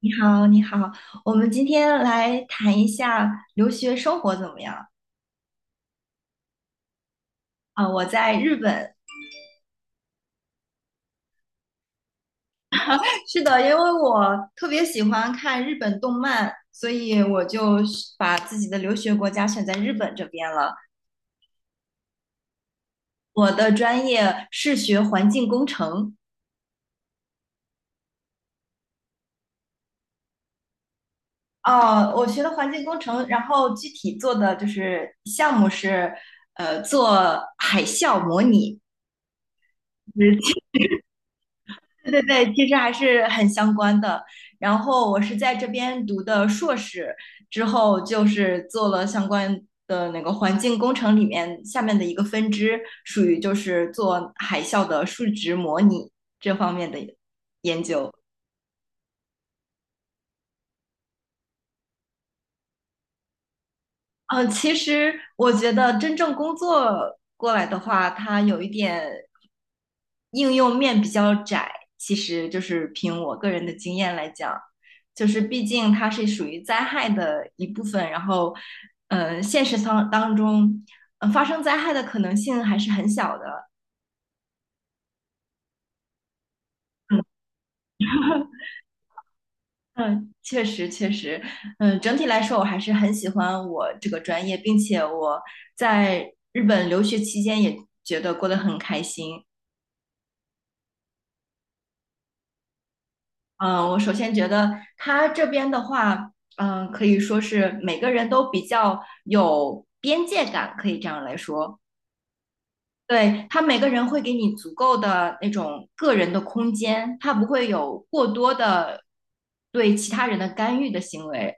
你好，你好。我们今天来谈一下留学生活怎么样？啊，我在日本。是的，因为我特别喜欢看日本动漫，所以我就是把自己的留学国家选在日本这边了。我的专业是学环境工程。哦，我学的环境工程，然后具体做的就是项目是，做海啸模拟。对对对，其实还是很相关的。然后我是在这边读的硕士，之后就是做了相关的那个环境工程里面下面的一个分支，属于就是做海啸的数值模拟这方面的研究。其实我觉得真正工作过来的话，它有一点应用面比较窄。其实就是凭我个人的经验来讲，就是毕竟它是属于灾害的一部分，然后，现实当中，发生灾害的可能性还是很小的。嗯嗯，确实确实，整体来说我还是很喜欢我这个专业，并且我在日本留学期间也觉得过得很开心。嗯，我首先觉得他这边的话，可以说是每个人都比较有边界感，可以这样来说。对，他每个人会给你足够的那种个人的空间，他不会有过多的对其他人的干预的行为。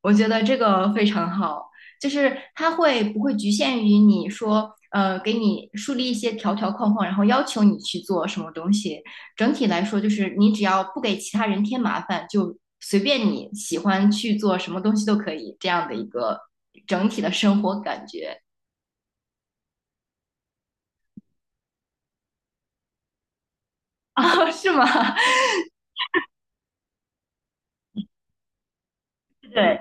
我觉得这个非常好，就是它会不会局限于你说，给你树立一些条条框框，然后要求你去做什么东西。整体来说，就是你只要不给其他人添麻烦，就随便你喜欢去做什么东西都可以，这样的一个整体的生活感觉。啊，是吗？对，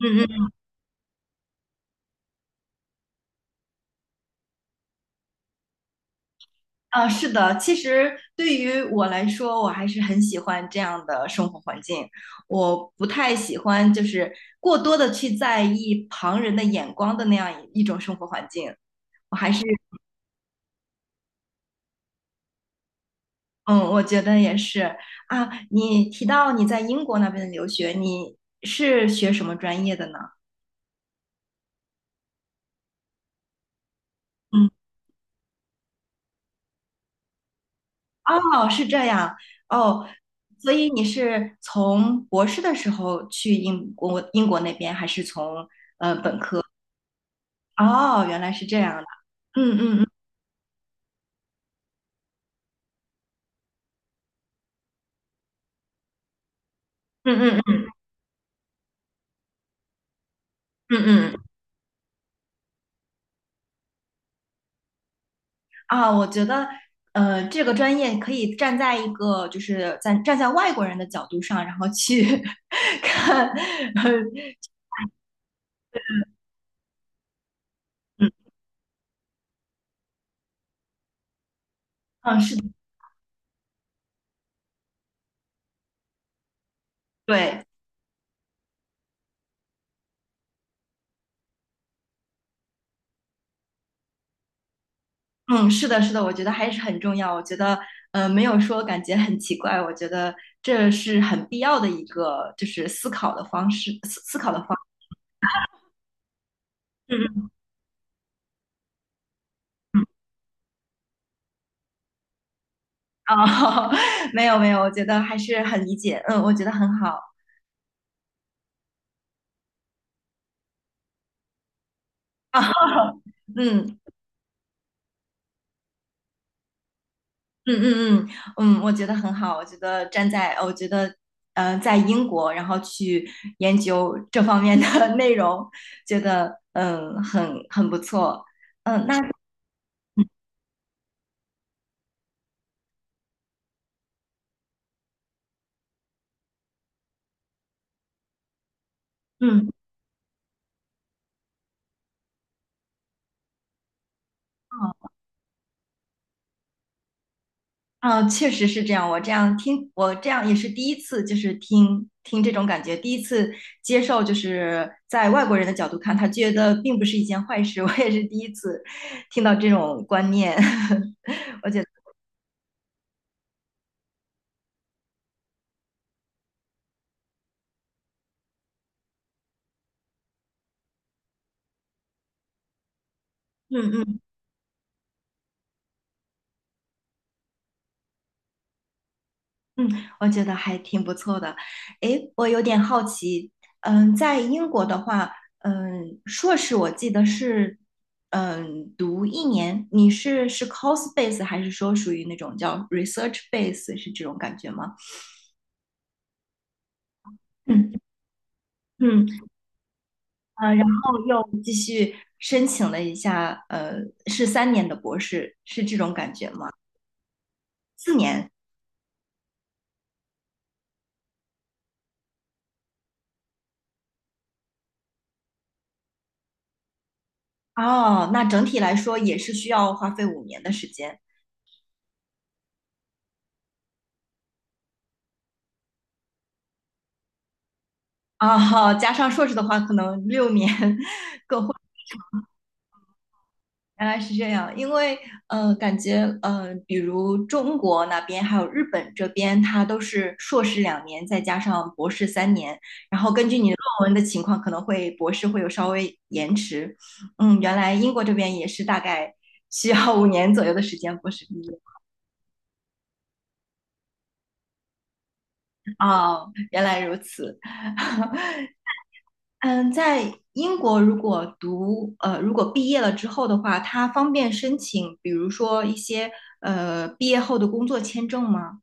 嗯。啊，是的，其实对于我来说，我还是很喜欢这样的生活环境。我不太喜欢就是过多的去在意旁人的眼光的那样一种生活环境。我还是，嗯，我觉得也是啊。你提到你在英国那边的留学，你是学什么专业的呢？嗯。哦，是这样。哦，所以你是从博士的时候去英国那边，还是从？哦，原来是这样的。嗯嗯嗯。嗯嗯嗯嗯嗯。啊，我觉得这个专业可以站在一个就是在站在外国人的角度上，然后去 看。嗯嗯，是的。对，嗯，是的，是的，我觉得还是很重要。我觉得没有说感觉很奇怪，我觉得这是很必要的一个就是思考的方式，思考的方。嗯嗯嗯。啊，没有没有，我觉得还是很理解。嗯，我觉得很好。啊，嗯。嗯嗯嗯。嗯，我觉得很好。我觉得站在，我觉得在英国，然后去研究这方面的 内容，觉得很不错。嗯，那。嗯。啊，哦，确实是这样。我这样听，我这样也是第一次，就是听听这种感觉，第一次接受，就是在外国人的角度看，他觉得并不是一件坏事。我也是第一次听到这种观念，我觉得嗯嗯。嗯，我觉得还挺不错的。诶，我有点好奇，在英国的话，硕士我记得是，读一年，你是 course base 还是说属于那种叫 research base 是这种感觉吗？嗯嗯。然后又申请了一下，是三年的博士，是这种感觉吗？4年。哦，那整体来说也是需要花费五年的时间。啊，加上硕士的话，可能6年。原来是这样，因为感觉比如中国那边还有日本这边，它都是硕士2年，再加上博士三年，然后根据你的论文的情况，可能会博士会有稍微延迟。原来英国这边也是大概需要五年左右的时间博士毕业。哦，原来如此。嗯，在英国如果读如果毕业了之后的话，它方便申请，比如说一些毕业后的工作签证吗？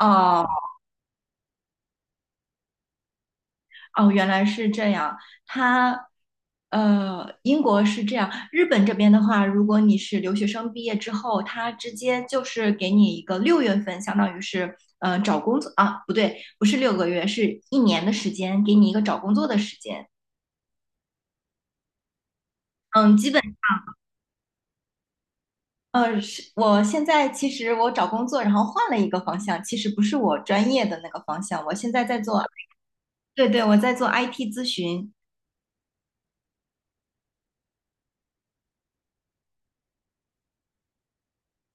哦。哦，原来是这样。他，英国是这样。日本这边的话，如果你是留学生毕业之后，他直接就是给你一个6月份，相当于是找工作。啊，不对，不是6个月，是一年的时间，给你一个找工作的时间。嗯，基本。是我现在其实我找工作，然后换了一个方向，其实不是我专业的那个方向，我现在在做。对对，我在做 IT 咨询。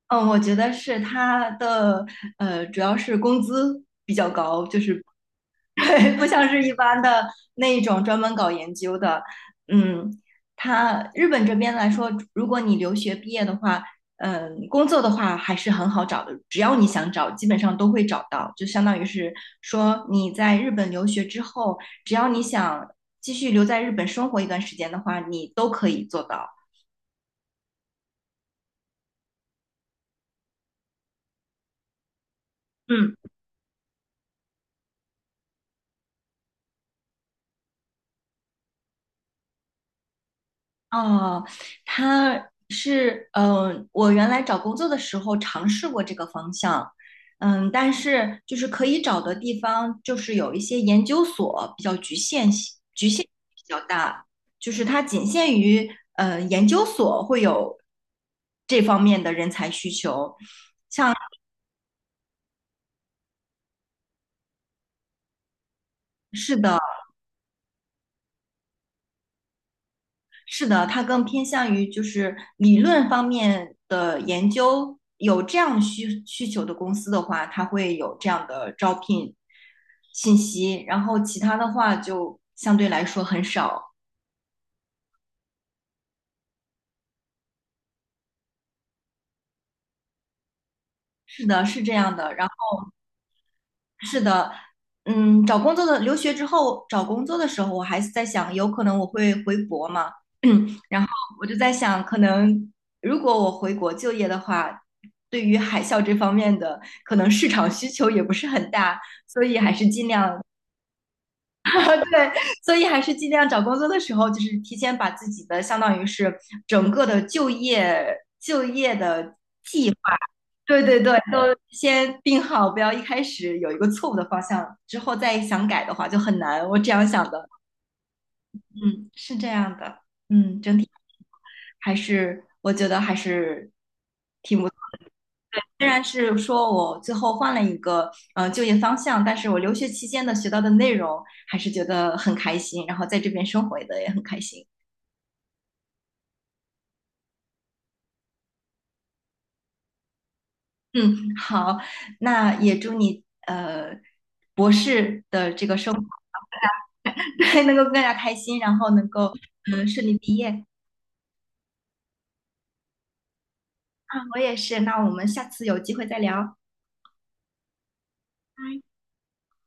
嗯，我觉得是它的，主要是工资比较高，就是 对，不像是一般的那一种专门搞研究的。嗯，它日本这边来说，如果你留学毕业的话，工作的话还是很好找的，只要你想找，基本上都会找到。就相当于是说你在日本留学之后，只要你想继续留在日本生活一段时间的话，你都可以做到。嗯。哦，他是。嗯、我原来找工作的时候尝试过这个方向，但是就是可以找的地方，就是有一些研究所比较局限比较大，就是它仅限于研究所会有这方面的人才需求。是的。是的，它更偏向于就是理论方面的研究。有这样需求的公司的话，它会有这样的招聘信息，然后其他的话就相对来说很少。是的，是这样的。是的，嗯，找工作的留学之后找工作的时候，我还是在想，有可能我会回国嘛，然后我就在想，可能如果我回国就业的话，对于海校这方面的可能市场需求也不是很大，所以还是尽量。 对，所以还是尽量找工作的时候，就是提前把自己的相当于是整个的就业的。对对对，都先定好，不要一开始有一个错误的方向，之后再想改的话就很难。我这样想的。嗯，是这样的，整体还是，我觉得还是挺不错。虽然是说我最后换了一个就业方向，但是我留学期间的学到的内容还是觉得很开心，然后在这边生活的也很开心。嗯，好，那也祝你博士的这个生。能够更加开心，然后能够顺利毕业。啊！我也是，那我们下次有机会再聊。